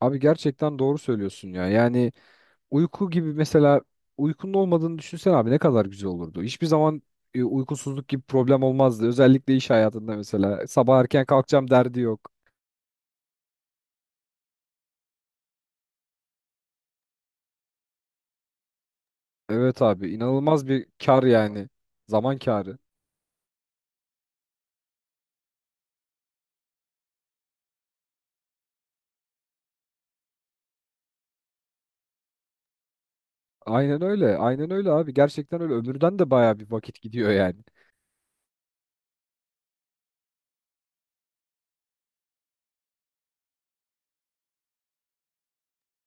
Abi gerçekten doğru söylüyorsun ya. Yani uyku gibi mesela uykunun olmadığını düşünsen abi ne kadar güzel olurdu. Hiçbir zaman uykusuzluk gibi problem olmazdı. Özellikle iş hayatında mesela sabah erken kalkacağım derdi yok. Evet abi inanılmaz bir kar yani. Zaman karı. Aynen öyle. Aynen öyle abi. Gerçekten öyle. Ömürden de baya bir vakit gidiyor yani.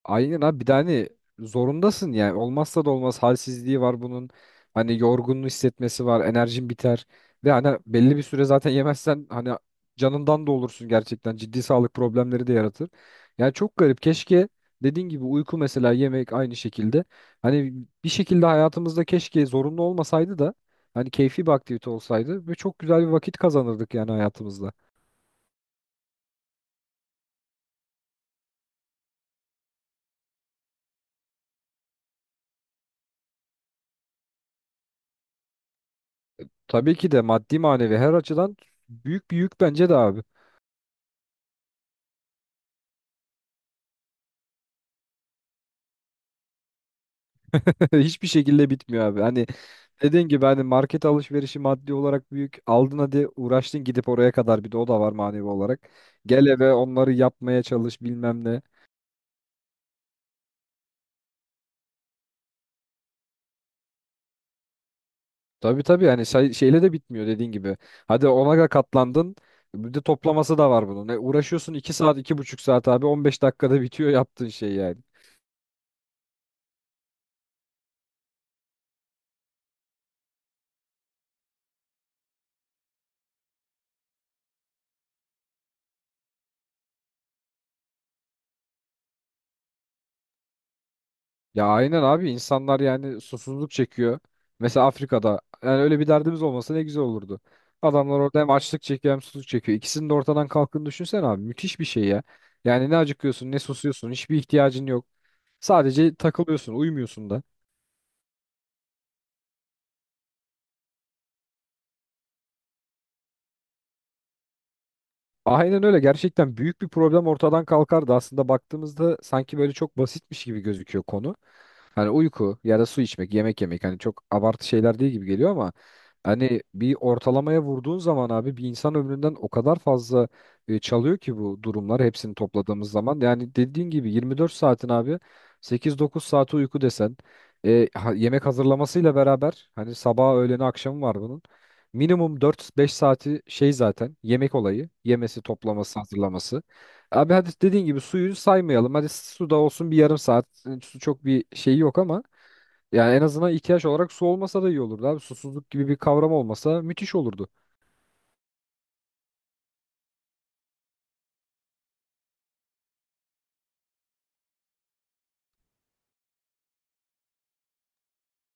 Aynen abi bir de hani zorundasın yani olmazsa da olmaz halsizliği var bunun hani yorgunluğu hissetmesi var enerjin biter ve hani belli bir süre zaten yemezsen hani canından da olursun gerçekten ciddi sağlık problemleri de yaratır. Yani çok garip keşke dediğin gibi uyku mesela yemek aynı şekilde hani bir şekilde hayatımızda keşke zorunlu olmasaydı da hani keyfi bir aktivite olsaydı ve çok güzel bir vakit kazanırdık yani hayatımızda. Tabii ki de maddi manevi her açıdan büyük bir yük bence de abi. Hiçbir şekilde bitmiyor abi. Hani dediğin gibi hani market alışverişi maddi olarak büyük. Aldın hadi uğraştın gidip oraya kadar bir de o da var manevi olarak. Gel eve onları yapmaya çalış bilmem ne. Tabii tabii hani şeyle de bitmiyor dediğin gibi. Hadi ona da katlandın. Bir de toplaması da var bunun. Uğraşıyorsun 2 saat iki buçuk saat abi 15 dakikada bitiyor yaptığın şey yani. Ya aynen abi insanlar yani susuzluk çekiyor. Mesela Afrika'da yani öyle bir derdimiz olmasa ne güzel olurdu. Adamlar orada hem açlık çekiyor hem susuzluk çekiyor. İkisinin de ortadan kalktığını düşünsene abi. Müthiş bir şey ya. Yani ne acıkıyorsun ne susuyorsun. Hiçbir ihtiyacın yok. Sadece takılıyorsun, uyumuyorsun da. Aynen öyle. Gerçekten büyük bir problem ortadan kalkardı. Aslında baktığımızda sanki böyle çok basitmiş gibi gözüküyor konu. Hani uyku ya da su içmek, yemek yemek hani çok abartı şeyler değil gibi geliyor ama hani bir ortalamaya vurduğun zaman abi bir insan ömründen o kadar fazla çalıyor ki bu durumlar hepsini topladığımız zaman. Yani dediğin gibi 24 saatin abi 8-9 saati uyku desen yemek hazırlamasıyla beraber hani sabah öğleni akşamı var bunun. Minimum dört beş saati şey zaten yemek olayı. Yemesi, toplaması, hazırlaması. Abi hadi dediğin gibi suyu saymayalım. Hadi su da olsun bir yarım saat. Yani su çok bir şeyi yok ama yani en azından ihtiyaç olarak su olmasa da iyi olurdu abi. Susuzluk gibi bir kavram olmasa müthiş olurdu.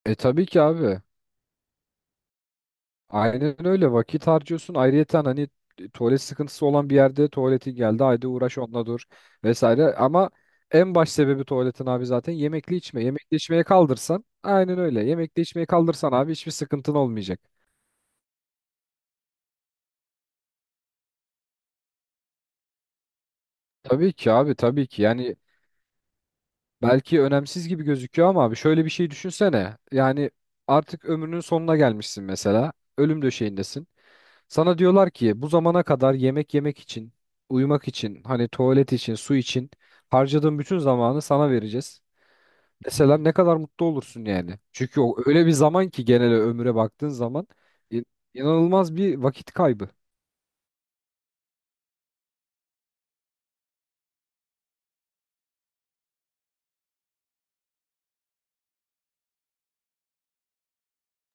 E tabii ki abi. Aynen öyle vakit harcıyorsun. Ayrıyeten hani tuvalet sıkıntısı olan bir yerde tuvaleti geldi. Haydi uğraş onunla dur vesaire. Ama en baş sebebi tuvaletin abi zaten yemekli içme. Yemekli içmeye kaldırsan aynen öyle. Yemekli içmeye kaldırsan abi hiçbir sıkıntın olmayacak. Tabii ki abi tabii ki. Yani belki önemsiz gibi gözüküyor ama abi şöyle bir şey düşünsene. Yani artık ömrünün sonuna gelmişsin mesela. Ölüm döşeğindesin. Sana diyorlar ki bu zamana kadar yemek yemek için, uyumak için, hani tuvalet için, su için harcadığın bütün zamanı sana vereceğiz. Mesela ne kadar mutlu olursun yani. Çünkü o öyle bir zaman ki genel ömre baktığın zaman in- inanılmaz bir vakit kaybı.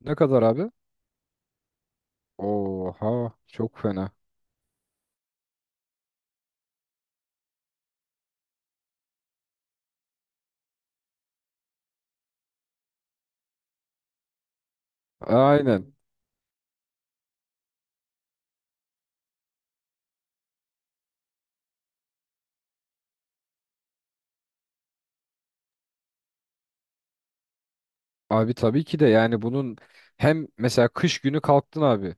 Ne kadar abi? Oha çok fena. Aynen. Abi tabii ki de yani bunun hem mesela kış günü kalktın abi.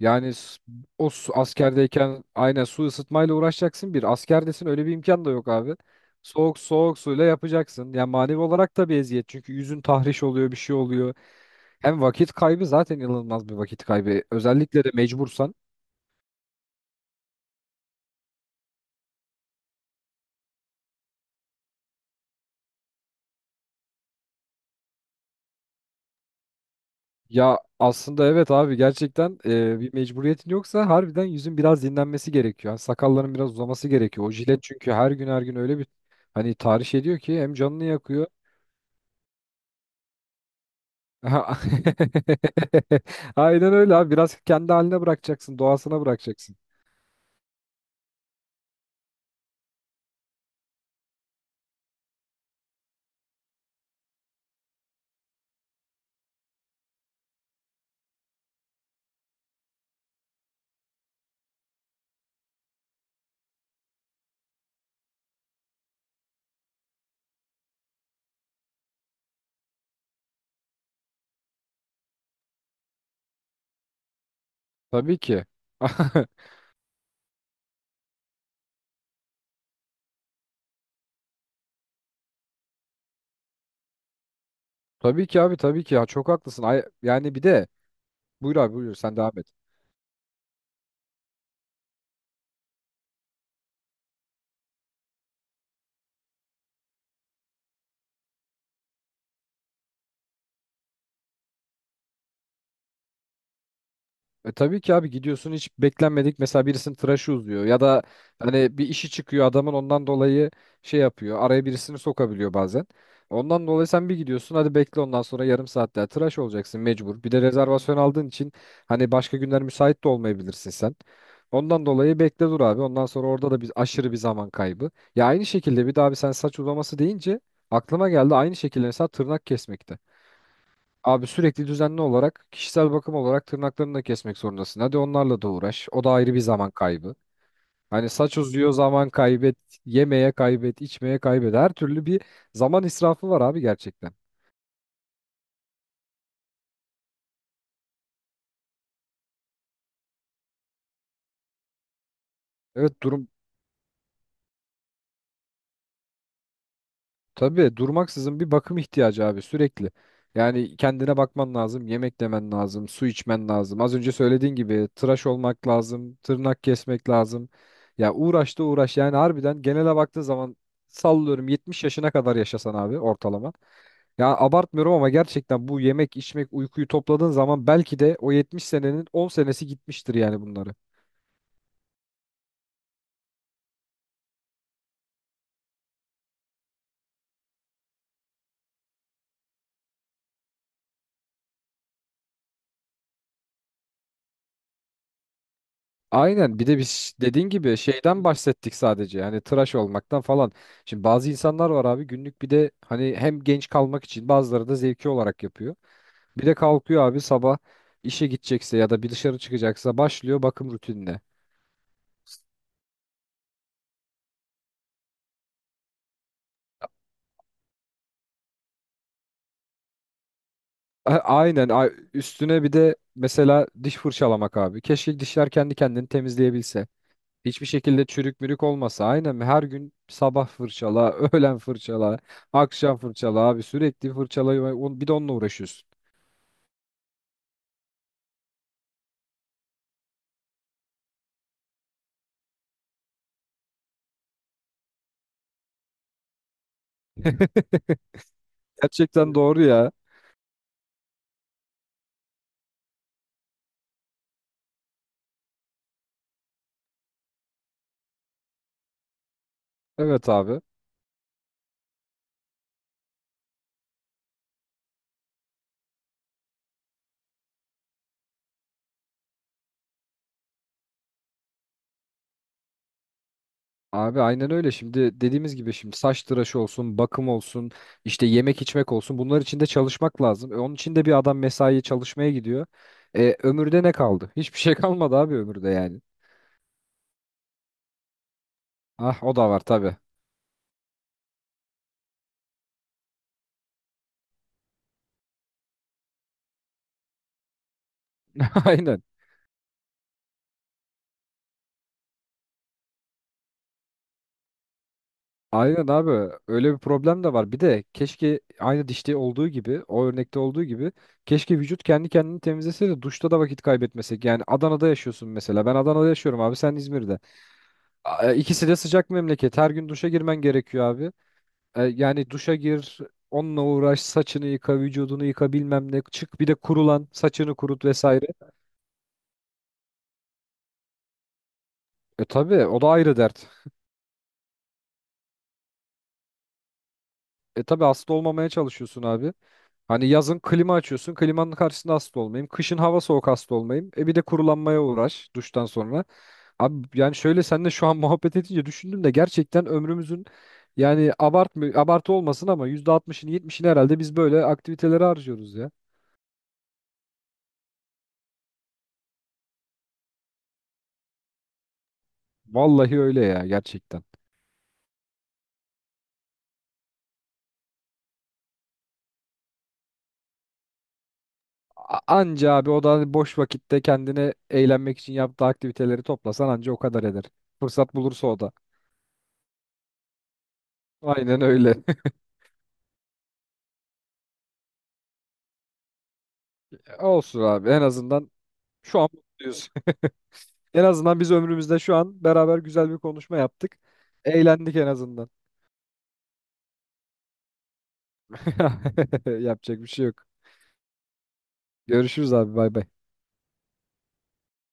Yani s- Askerdeyken aynen su ısıtmayla uğraşacaksın bir. Askerdesin öyle bir imkan da yok abi. Soğuk suyla yapacaksın. Yani manevi olarak da bir eziyet. Çünkü yüzün tahriş oluyor bir şey oluyor. Hem vakit kaybı zaten inanılmaz bir vakit kaybı. Özellikle de mecbursan. Ya aslında evet abi gerçekten bir mecburiyetin yoksa harbiden yüzün biraz dinlenmesi gerekiyor. Yani sakalların biraz uzaması gerekiyor. O jilet çünkü her gün her gün öyle bir hani tahriş ediyor ki hem canını yakıyor ha. Aynen öyle abi. Biraz kendi haline bırakacaksın, doğasına bırakacaksın. Tabii ki. Tabii ki abi, tabii ki ya. Çok haklısın. Yani bir de buyur abi buyur sen devam et. E tabii ki abi gidiyorsun hiç beklenmedik mesela birisinin tıraşı uzuyor ya da hani bir işi çıkıyor adamın ondan dolayı şey yapıyor araya birisini sokabiliyor bazen. Ondan dolayı sen bir gidiyorsun hadi bekle ondan sonra yarım saat daha tıraş olacaksın mecbur. Bir de rezervasyon aldığın için hani başka günler müsait de olmayabilirsin sen. Ondan dolayı bekle dur abi ondan sonra orada da bir aşırı bir zaman kaybı. Ya aynı şekilde bir daha abi sen saç uzaması deyince aklıma geldi aynı şekilde mesela tırnak kesmekte. Abi sürekli düzenli olarak kişisel bakım olarak tırnaklarını da kesmek zorundasın. Hadi onlarla da uğraş. O da ayrı bir zaman kaybı. Hani saç uzuyor zaman kaybet, yemeye kaybet, içmeye kaybet. Her türlü bir zaman israfı var abi gerçekten. Evet durum. Tabii durmaksızın bir bakım ihtiyacı abi sürekli. Yani kendine bakman lazım, yemek yemen lazım, su içmen lazım. Az önce söylediğin gibi tıraş olmak lazım, tırnak kesmek lazım. Ya uğraş da uğraş yani harbiden genele baktığın zaman sallıyorum 70 yaşına kadar yaşasan abi ortalama. Ya abartmıyorum ama gerçekten bu yemek, içmek, uykuyu topladığın zaman belki de o 70 senenin 10 senesi gitmiştir yani bunları. Aynen bir de biz dediğin gibi şeyden bahsettik sadece hani tıraş olmaktan falan. Şimdi bazı insanlar var abi günlük bir de hani hem genç kalmak için bazıları da zevki olarak yapıyor. Bir de kalkıyor abi sabah işe gidecekse ya da bir dışarı çıkacaksa başlıyor bakım rutinine. A- Aynen a- Üstüne bir de mesela diş fırçalamak abi. Keşke dişler kendi kendini temizleyebilse. Hiçbir şekilde çürük mürük olmasa. Aynen her gün sabah fırçala, öğlen fırçala, akşam fırçala abi sürekli bir de onunla uğraşıyorsun. Gerçekten doğru ya. Evet abi. Abi aynen öyle. Şimdi dediğimiz gibi şimdi saç tıraşı olsun, bakım olsun, işte yemek içmek olsun. Bunlar için de çalışmak lazım. Onun için de bir adam mesaiye çalışmaya gidiyor. E, ömürde ne kaldı? Hiçbir şey kalmadı abi ömürde yani. Ah o da var tabii. Aynen. Aynen abi. Öyle bir problem de var. Bir de keşke aynı dişte olduğu gibi, o örnekte olduğu gibi keşke vücut kendi kendini temizlese de duşta da vakit kaybetmesek. Yani Adana'da yaşıyorsun mesela. Ben Adana'da yaşıyorum abi. Sen İzmir'de. İkisi de sıcak memleket. Her gün duşa girmen gerekiyor abi. Yani duşa gir, onunla uğraş, saçını yıka, vücudunu yıka bilmem ne. Çık bir de kurulan, saçını kurut vesaire. E tabi, o da ayrı dert. E tabi hasta olmamaya çalışıyorsun abi. Hani yazın klima açıyorsun, klimanın karşısında hasta olmayayım. Kışın hava soğuk hasta olmayayım. E bir de kurulanmaya uğraş duştan sonra. Abi yani şöyle seninle şu an muhabbet edince düşündüm de gerçekten ömrümüzün yani abartmı abartı olmasın ama %60'ını 70'ini herhalde biz böyle aktivitelere harcıyoruz ya. Vallahi öyle ya gerçekten. Anca abi o da boş vakitte kendine eğlenmek için yaptığı aktiviteleri toplasan anca o kadar eder. Fırsat bulursa o da. Aynen öyle. Olsun abi en azından şu an mutluyuz. En azından biz ömrümüzde şu an beraber güzel bir konuşma yaptık. Eğlendik en azından. Yapacak bir şey yok. Görüşürüz abi bay bay.